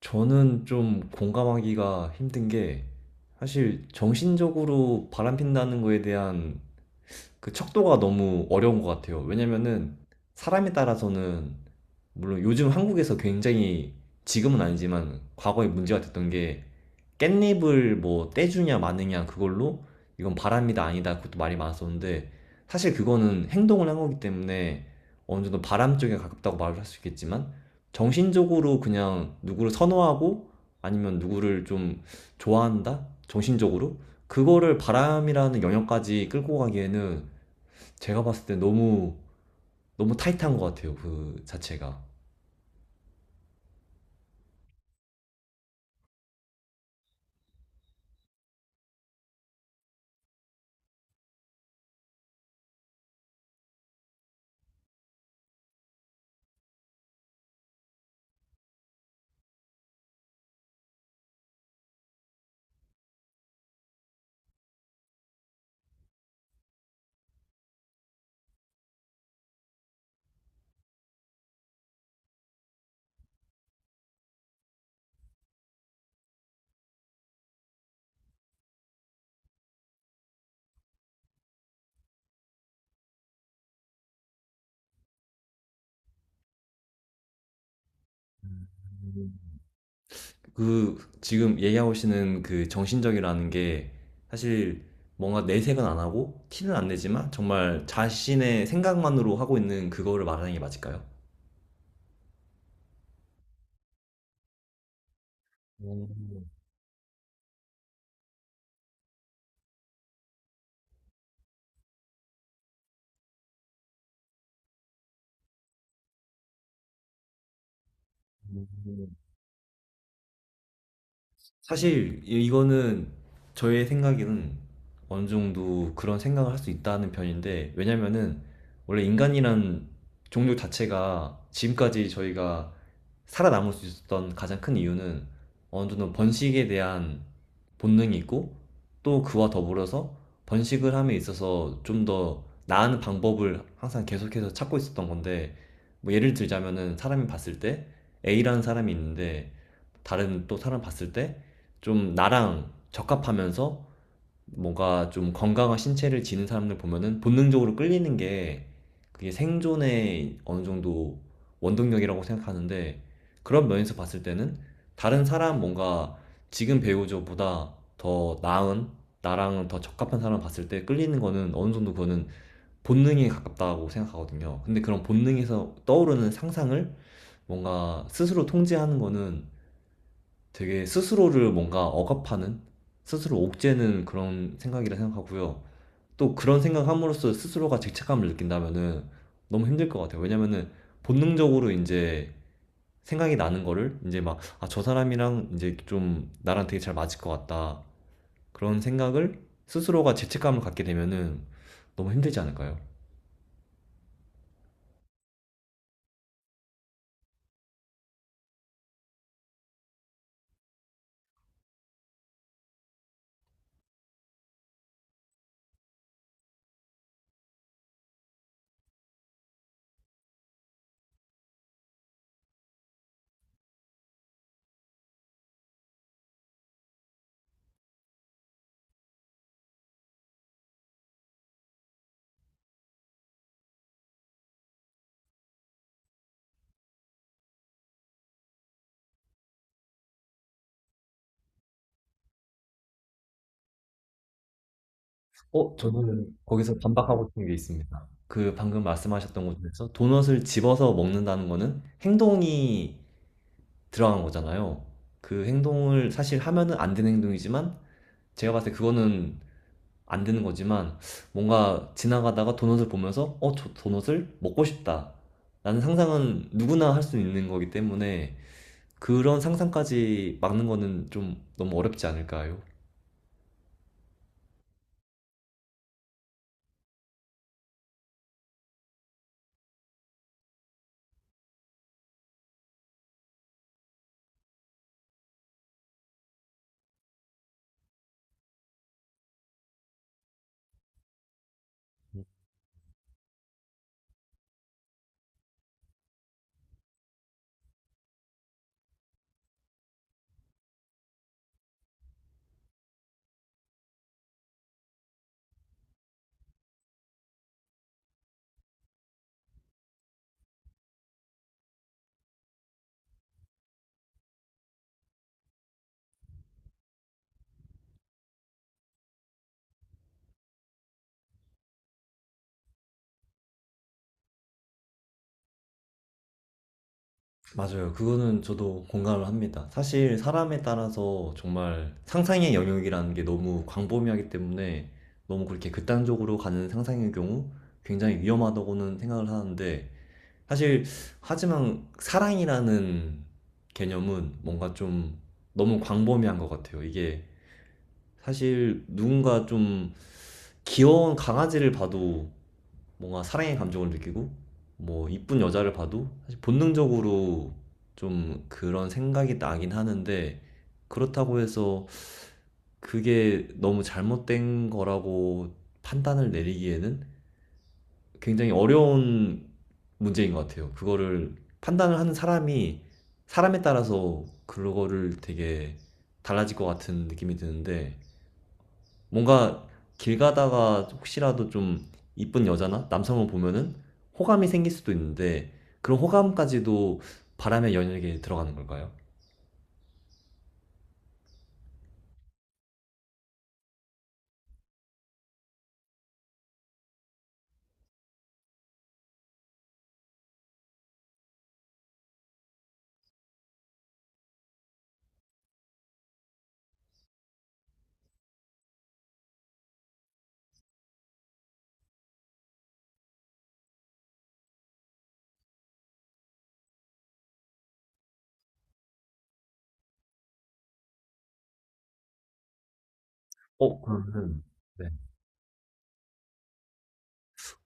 저는 좀 공감하기가 힘든 게, 사실 정신적으로 바람핀다는 거에 대한 그 척도가 너무 어려운 것 같아요. 왜냐면은 사람에 따라서는, 물론 요즘 한국에서 굉장히, 지금은 아니지만 과거에 문제가 됐던 게 깻잎을 뭐 떼주냐 마느냐 그걸로 이건 바람이다 아니다 그것도 말이 많았었는데, 사실 그거는 행동을 한 거기 때문에 어느 정도 바람 쪽에 가깝다고 말을 할 수 있겠지만, 정신적으로 그냥 누구를 선호하고 아니면 누구를 좀 좋아한다? 정신적으로? 그거를 바람이라는 영역까지 끌고 가기에는, 제가 봤을 때 너무 너무 타이트한 것 같아요. 그 자체가. 그 지금 얘기하시는 그 정신적이라는 게, 사실 뭔가 내색은 안 하고 티는 안 내지만, 정말 자신의 생각만으로 하고 있는 그거를 말하는 게 맞을까요? 음. 사실 이거는 저의 생각에는 어느 정도 그런 생각을 할 수 있다는 편인데, 왜냐면은 원래 인간이란 종류 자체가 지금까지 저희가 살아남을 수 있었던 가장 큰 이유는 어느 정도 번식에 대한 본능이 있고, 또 그와 더불어서 번식을 함에 있어서 좀 더 나은 방법을 항상 계속해서 찾고 있었던 건데, 뭐 예를 들자면은 사람이 봤을 때 A라는 사람이 있는데 다른 또 사람 봤을 때 좀 나랑 적합하면서 뭔가 좀 건강한 신체를 지닌 사람들 보면은 본능적으로 끌리는 게, 그게 생존의 어느 정도 원동력이라고 생각하는데, 그런 면에서 봤을 때는 다른 사람 뭔가 지금 배우자보다 더 나은 나랑 더 적합한 사람 봤을 때 끌리는 거는 어느 정도 그거는 본능에 가깝다고 생각하거든요. 근데 그런 본능에서 떠오르는 상상을 뭔가 스스로 통제하는 거는 되게 스스로를 뭔가 억압하는 스스로 옥죄는 그런 생각이라 생각하고요. 또 그런 생각함으로써 스스로가 죄책감을 느낀다면은 너무 힘들 것 같아요. 왜냐면은 본능적으로 이제 생각이 나는 거를 이제 막, 아, 저 사람이랑 이제 좀 나랑 되게 잘 맞을 것 같다. 그런 생각을 스스로가 죄책감을 갖게 되면은 너무 힘들지 않을까요? 저는 거기서 반박하고 싶은 게 있습니다. 그 방금 말씀하셨던 것 중에서 도넛을 집어서 먹는다는 거는 행동이 들어간 거잖아요. 그 행동을 사실 하면은 안 되는 행동이지만 제가 봤을 때 그거는 안 되는 거지만, 뭔가 지나가다가 도넛을 보면서 저 도넛을 먹고 싶다, 라는 상상은 누구나 할 수 있는 거기 때문에 그런 상상까지 막는 거는 좀 너무 어렵지 않을까요? 맞아요. 그거는 저도 공감을 합니다. 사실 사람에 따라서 정말 상상의 영역이라는 게 너무 광범위하기 때문에 너무 그렇게 극단적으로 가는 상상의 경우 굉장히 위험하다고는 생각을 하는데, 사실 하지만 사랑이라는 개념은 뭔가 좀 너무 광범위한 것 같아요. 이게 사실 누군가 좀 귀여운 강아지를 봐도 뭔가 사랑의 감정을 느끼고, 뭐 이쁜 여자를 봐도 사실 본능적으로 좀 그런 생각이 나긴 하는데, 그렇다고 해서 그게 너무 잘못된 거라고 판단을 내리기에는 굉장히 어려운 문제인 것 같아요. 그거를 판단을 하는 사람이 사람에 따라서 그거를 되게 달라질 것 같은 느낌이 드는데, 뭔가 길 가다가 혹시라도 좀 이쁜 여자나 남성을 보면은 호감이 생길 수도 있는데, 그런 호감까지도 바람의 연역에 들어가는 걸까요? 그러면은, 네.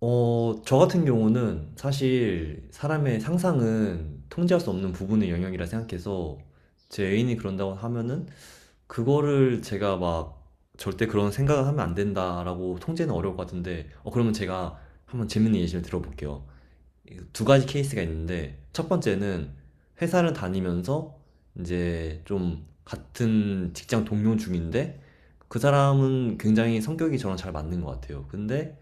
저 같은 경우는 사실 사람의 상상은 통제할 수 없는 부분의 영역이라 생각해서 제 애인이 그런다고 하면은 그거를 제가 막 절대 그런 생각을 하면 안 된다라고 통제는 어려울 것 같은데, 그러면 제가 한번 재밌는 예시를 들어볼게요. 두 가지 케이스가 있는데, 첫 번째는 회사를 다니면서 이제 좀 같은 직장 동료 중인데, 그 사람은 굉장히 성격이 저랑 잘 맞는 것 같아요. 근데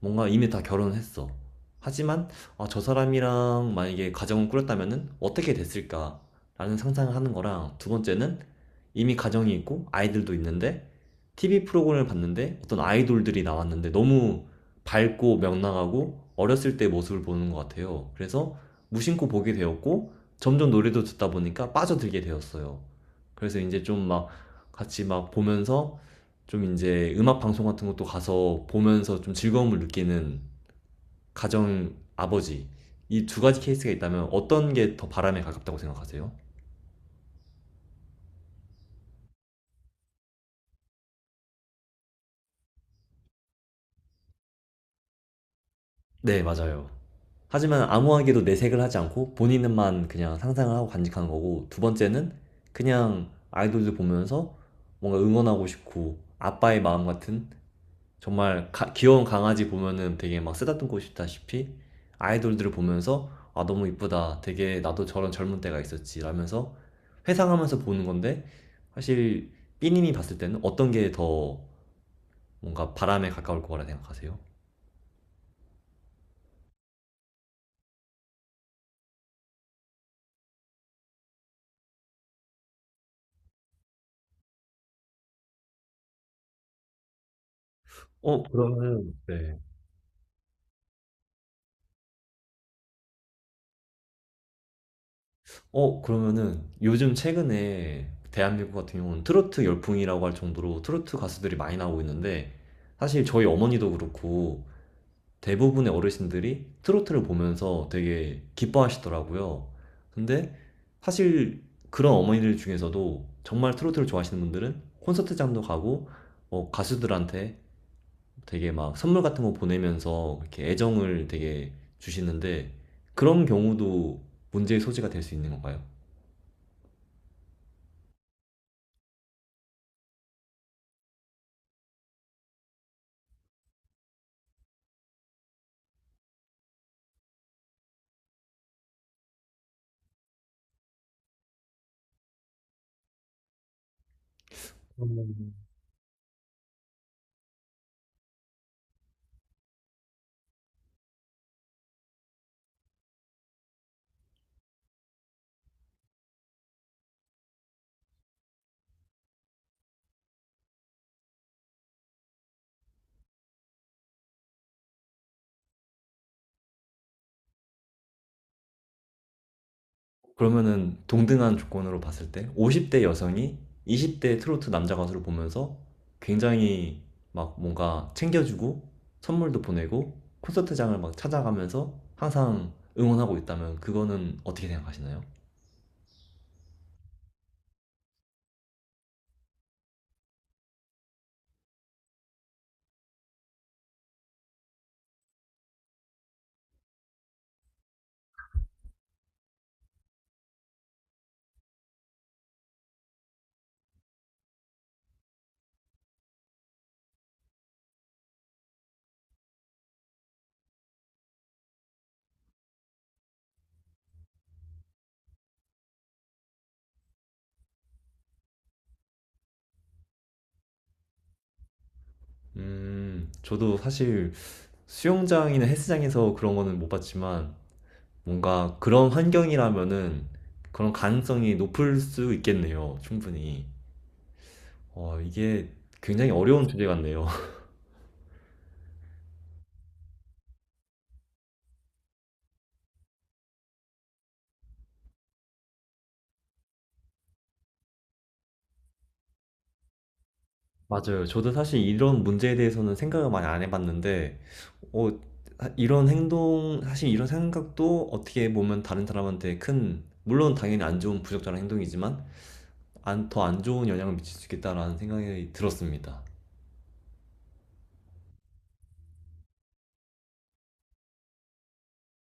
뭔가 이미 다 결혼했어. 하지만 아, 저 사람이랑 만약에 가정을 꾸렸다면은 어떻게 됐을까라는 상상을 하는 거랑, 두 번째는 이미 가정이 있고 아이들도 있는데 TV 프로그램을 봤는데 어떤 아이돌들이 나왔는데 너무 밝고 명랑하고 어렸을 때 모습을 보는 것 같아요. 그래서 무심코 보게 되었고 점점 노래도 듣다 보니까 빠져들게 되었어요. 그래서 이제 좀 막 같이 막 보면서 좀 이제 음악 방송 같은 것도 가서 보면서 좀 즐거움을 느끼는 가정 아버지, 이 두 가지 케이스가 있다면 어떤 게 더 바람에 가깝다고 생각하세요? 네, 맞아요. 하지만 아무하게도 내색을 하지 않고 본인만 그냥 상상을 하고 간직한 거고, 두 번째는 그냥 아이돌들 보면서 뭔가 응원하고 싶고 아빠의 마음 같은, 정말 귀여운 강아지 보면은 되게 막 쓰다듬고 싶다시피 아이돌들을 보면서, 아, 너무 이쁘다, 되게 나도 저런 젊은 때가 있었지, 라면서 회상하면서 보는 건데, 사실 삐님이 봤을 때는 어떤 게 더 뭔가 바람에 가까울 거라 생각하세요? 그러면, 네. 그러면은 요즘 최근에 대한민국 같은 경우는 트로트 열풍이라고 할 정도로 트로트 가수들이 많이 나오고 있는데, 사실 저희 어머니도 그렇고 대부분의 어르신들이 트로트를 보면서 되게 기뻐하시더라고요. 근데 사실 그런 어머니들 중에서도 정말 트로트를 좋아하시는 분들은 콘서트장도 가고 가수들한테 되게 막 선물 같은 거 보내면서 이렇게 애정을 되게 주시는데, 그런 경우도 문제의 소지가 될 수 있는 건가요? 그러면은 동등한 조건으로 봤을 때 50대 여성이 20대 트로트 남자 가수를 보면서 굉장히 막 뭔가 챙겨주고 선물도 보내고 콘서트장을 막 찾아가면서 항상 응원하고 있다면 그거는 어떻게 생각하시나요? 저도 사실 수영장이나 헬스장에서 그런 거는 못 봤지만 뭔가 그런 환경이라면은 그런 가능성이 높을 수 있겠네요, 충분히. 이게 굉장히 어려운 주제 같네요. 맞아요. 저도 사실 이런 문제에 대해서는 생각을 많이 안 해봤는데, 어, 이런 행동, 사실 이런 생각도 어떻게 보면 다른 사람한테 큰, 물론 당연히 안 좋은 부적절한 행동이지만, 안, 더 안 좋은 영향을 미칠 수 있겠다라는 생각이 들었습니다.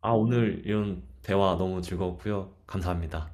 아, 오늘 이런 대화 너무 즐거웠고요. 감사합니다.